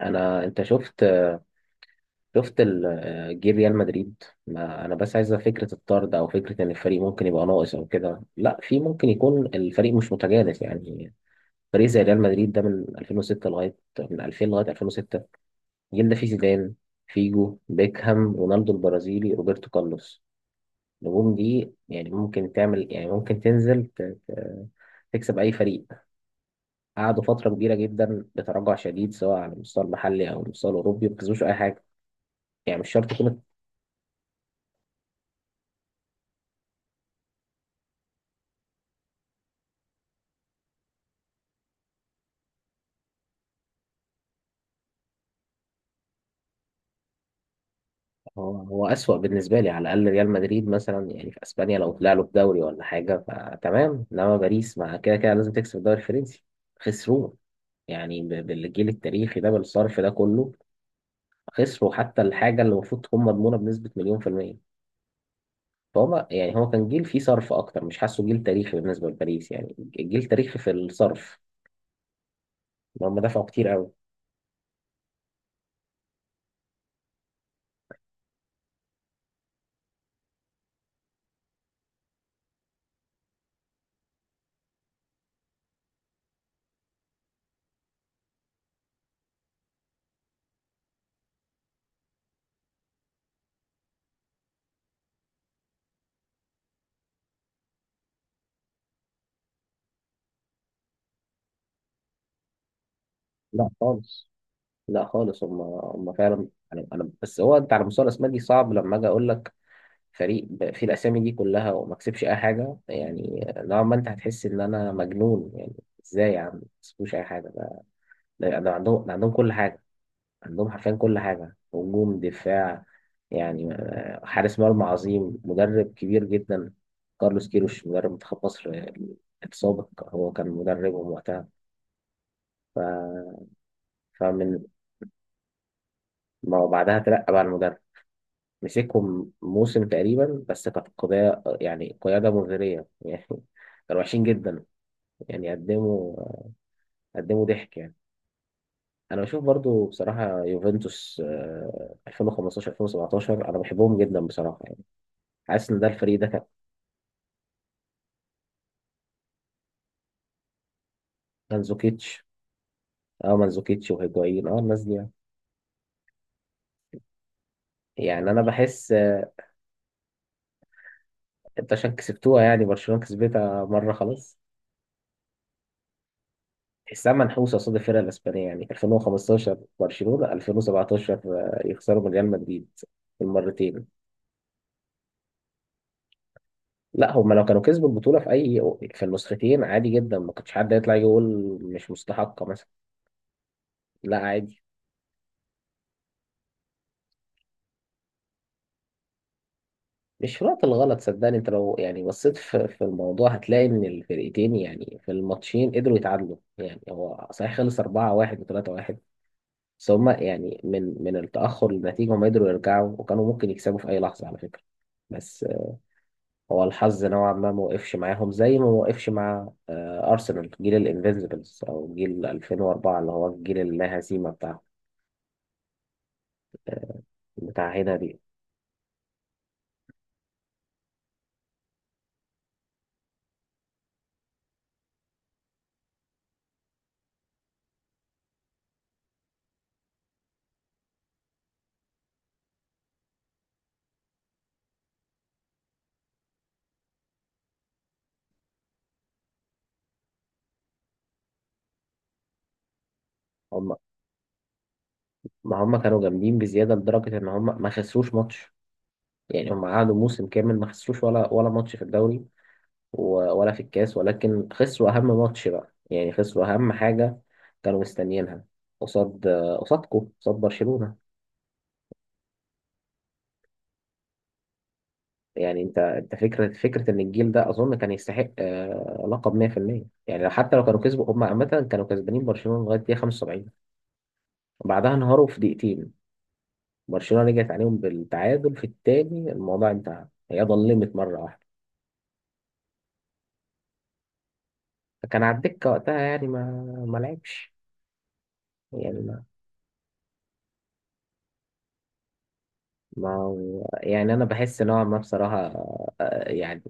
انت شفت جيل ريال مدريد. ما انا بس عايزه فكره الطرد او فكره ان الفريق ممكن يبقى ناقص او كده، لا في ممكن يكون الفريق مش متجانس يعني. فريق زي ريال مدريد ده من 2006 لغايه، من 2000 لغايه 2006. الجيل ده فيه زيدان، فيجو، بيكهام، رونالدو البرازيلي، روبرتو كارلوس. النجوم دي يعني ممكن تعمل، يعني ممكن تنزل ت- تكسب اي فريق. قعدوا فتره كبيره جدا بتراجع شديد، سواء على المستوى المحلي او المستوى الاوروبي، ما كسبوش اي حاجه. يعني مش شرط يكون. هو هو أسوأ بالنسبة لي، على الأقل ريال مدريد مثلا يعني في أسبانيا لو طلع له في دوري ولا حاجة فتمام، إنما باريس مع كده كده لازم تكسب الدوري الفرنسي. خسروه. يعني بالجيل التاريخي ده، بالصرف ده كله، خسروا حتى الحاجة اللي المفروض تكون مضمونة بنسبة مليون في المية. فهو يعني هو كان جيل فيه صرف أكتر، مش حاسه جيل تاريخي بالنسبة لباريس، يعني جيل تاريخي في الصرف، إن هم دفعوا كتير قوي. لا خالص. لا خالص. هم فعلا. أنا بس هو، أنت على مستوى الأسماء دي صعب لما أجي أقول لك فريق فيه الاسامي دي كلها وما كسبش اي حاجه، يعني نوعا ما انت هتحس ان انا مجنون يعني. ازاي يا عم ما كسبوش اي حاجه؟ ده ده عندهم، ده عندهم كل حاجه. عندهم حرفيا كل حاجه، هجوم، دفاع، يعني حارس مرمى عظيم، مدرب كبير جدا. كارلوس كيروش مدرب منتخب مصر السابق، هو كان مدربهم وقتها. ف... فمن ما بعدها ترقى بقى المدرب. مسكهم موسم تقريبا، بس كانت قضية يعني قيادة مغرية يعني. كانوا وحشين جدا، يعني قدموا ضحك يعني. انا بشوف برضو بصراحه يوفنتوس 2015، 2017 انا بحبهم جدا بصراحه يعني. حاسس ان ده الفريق ده كان، مانزوكيتش. اه مانزوكيتش وهيجوايين، اه الناس دي يعني. يعني انا بحس انت عشان كسبتوها يعني، برشلونه كسبتها مره خلاص. تحسها منحوسه قصاد الفرق الاسبانيه، يعني 2015 برشلونه، 2017 يخسروا من ريال مدريد المرتين. لا، هما لو كانوا كسبوا البطوله في اي، في النسختين عادي جدا ما كانش حد يطلع يقول مش مستحقه، لا عادي. مش في الوقت الغلط، صدقني انت لو يعني بصيت في الموضوع هتلاقي ان الفرقتين يعني في الماتشين قدروا يتعادلوا. يعني هو صحيح خلص 4-1 و3-1، بس هما يعني من التأخر للنتيجة هما قدروا يرجعوا وكانوا ممكن يكسبوا في أي لحظة على فكرة. بس هو الحظ نوعا ما ما وقفش معاهم، زي ما وقفش مع أرسنال، جيل الانفينسيبلز أو جيل 2004، اللي هو الجيل اللا هزيمة بتاع هنا دي. هم ما هم كانوا جامدين بزيادة لدرجة إن هم ما خسروش ماتش، يعني هم قعدوا موسم كامل ما خسروش ولا ماتش في الدوري، ولا في الكاس. ولكن خسروا أهم ماتش بقى، يعني خسروا أهم حاجة كانوا مستنيينها، قصاد، قصادكم قصاد برشلونة. يعني انت فكرة ان الجيل ده اظن كان يستحق لقب 100%. يعني حتى لو كانوا كسبوا هم عامة، كانوا كسبانين برشلونة لغاية دقيقة 75، بعدها انهاروا في دقيقتين. برشلونة رجعت عليهم بالتعادل في التاني، الموضوع انتهى، هي ظلمت مرة واحدة. فكان على الدكة وقتها، يعني ما لعبش يعني. ما يعني انا بحس نوعا ما بصراحه يعني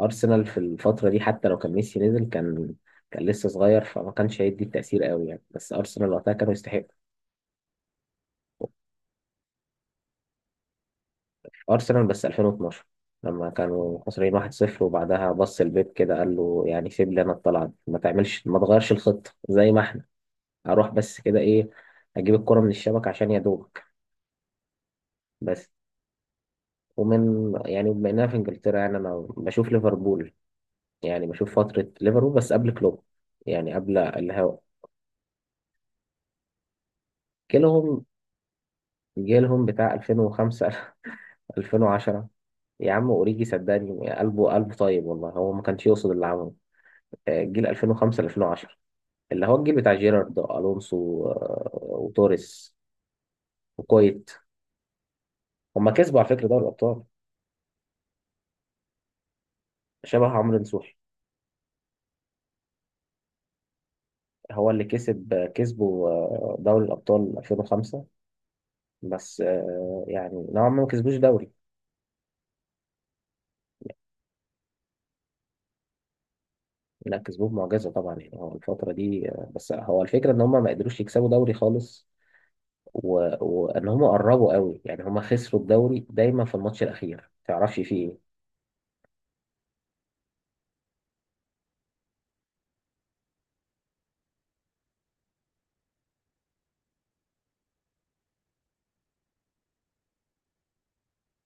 ارسنال في الفتره دي حتى لو كان ميسي نزل كان، كان لسه صغير فما كانش هيدي التاثير قوي يعني، بس ارسنال وقتها كانوا يستحقوا. ارسنال بس 2012، لما كانوا خسرانين 1-0 وبعدها بص البيب كده قال له يعني سيب لي انا الطلعه دي، ما تعملش ما تغيرش الخطه زي ما احنا. اروح بس كده ايه، اجيب الكره من الشبكه عشان يا دوبك بس. ومن يعني بما اننا في انجلترا يعني انا بشوف ليفربول، يعني بشوف فترة ليفربول بس قبل كلوب، يعني قبل الهوا. جيلهم جيلهم بتاع 2005، 2010. يا عم اوريجي صدقني قلبه طيب والله هو ما كانش يقصد اللي عمله. جيل 2005، 2010، اللي هو الجيل بتاع جيرارد والونسو وتوريس وكويت. هما كسبوا على فكرة دوري الابطال. شبه عمرو نصوحي. هو اللي كسب آه، كسبوا آه، دوري الابطال 2005. بس يعني نوعا ما ما كسبوش دوري. لا كسبوه معجزة طبعا، يعني هو الفترة دي بس هو الفكرة ان هم ما قدروش يكسبوا دوري خالص، و... وان هم قربوا قوي، يعني هم خسروا الدوري دايما في الماتش الاخير ما تعرفش فيه ايه.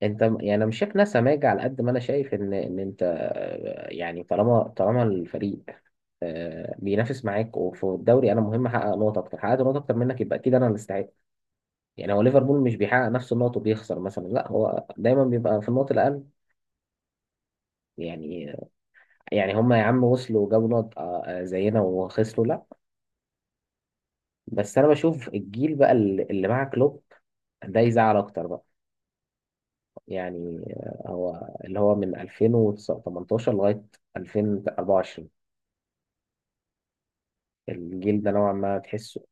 انت يعني انا مش شايف ناس سماجة على قد ما انا شايف ان انت يعني طالما الفريق بينافس معاك وفي الدوري، انا مهم احقق نقط اكتر. حققت نقط اكتر منك يبقى اكيد انا اللي استحق. يعني هو ليفربول مش بيحقق نفس النقط وبيخسر مثلا، لا هو دايما بيبقى في النقط الاقل يعني. يعني هم يا عم وصلوا جابوا نقط زينا وخسروا، لا. بس انا بشوف الجيل بقى اللي مع كلوب، ده يزعل اكتر بقى. يعني هو اللي هو من 2018 لغاية 2024، الجيل ده نوعا ما تحسه.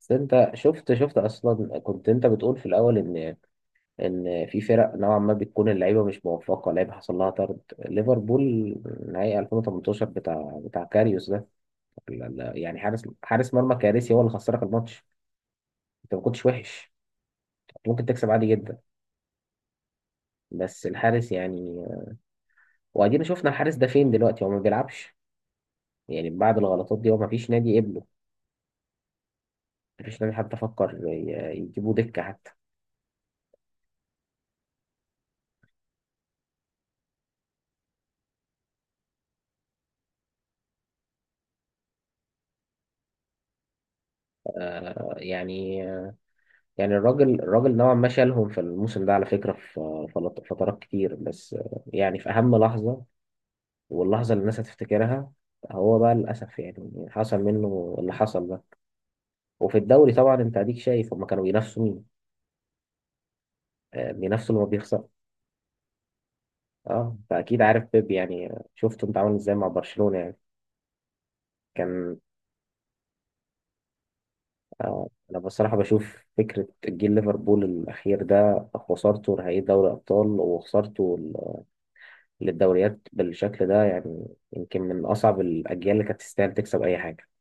بس انت شفت اصلا كنت انت بتقول في الاول ان، ان في فرق نوعا ما بتكون اللعيبه مش موفقه، لعيبه حصل لها طرد. ليفربول نهائي 2018 بتاع كاريوس ده، يعني حارس مرمى كارثي هو اللي خسرك الماتش. انت ما كنتش وحش، كنت ممكن تكسب عادي جدا، بس الحارس يعني. وادينا شفنا الحارس ده فين دلوقتي، هو ما بيلعبش يعني. بعد الغلطات دي، هو ما فيش نادي قبله، ما فيش نادي حتى فكر يجيبوه دكة حتى. آه يعني، يعني الراجل نوعا ما شالهم في الموسم ده على فكرة، في في فترات كتير، بس يعني في أهم لحظة واللحظة اللي الناس هتفتكرها، هو بقى للأسف يعني حصل منه اللي حصل ده. وفي الدوري طبعا أنت أديك شايف هما كانوا بينافسوا مين؟ بينافسوا اللي ما بيخسر. اه فاكيد عارف بيب يعني، شفته انت عامل ازاي مع برشلونة يعني، كان. آه انا بصراحة بشوف فكرة جيل ليفربول الاخير ده، خسارته نهائي دوري ابطال وخسارته للدوريات بالشكل ده، يعني يمكن من اصعب الاجيال اللي كانت تستاهل تكسب اي حاجة.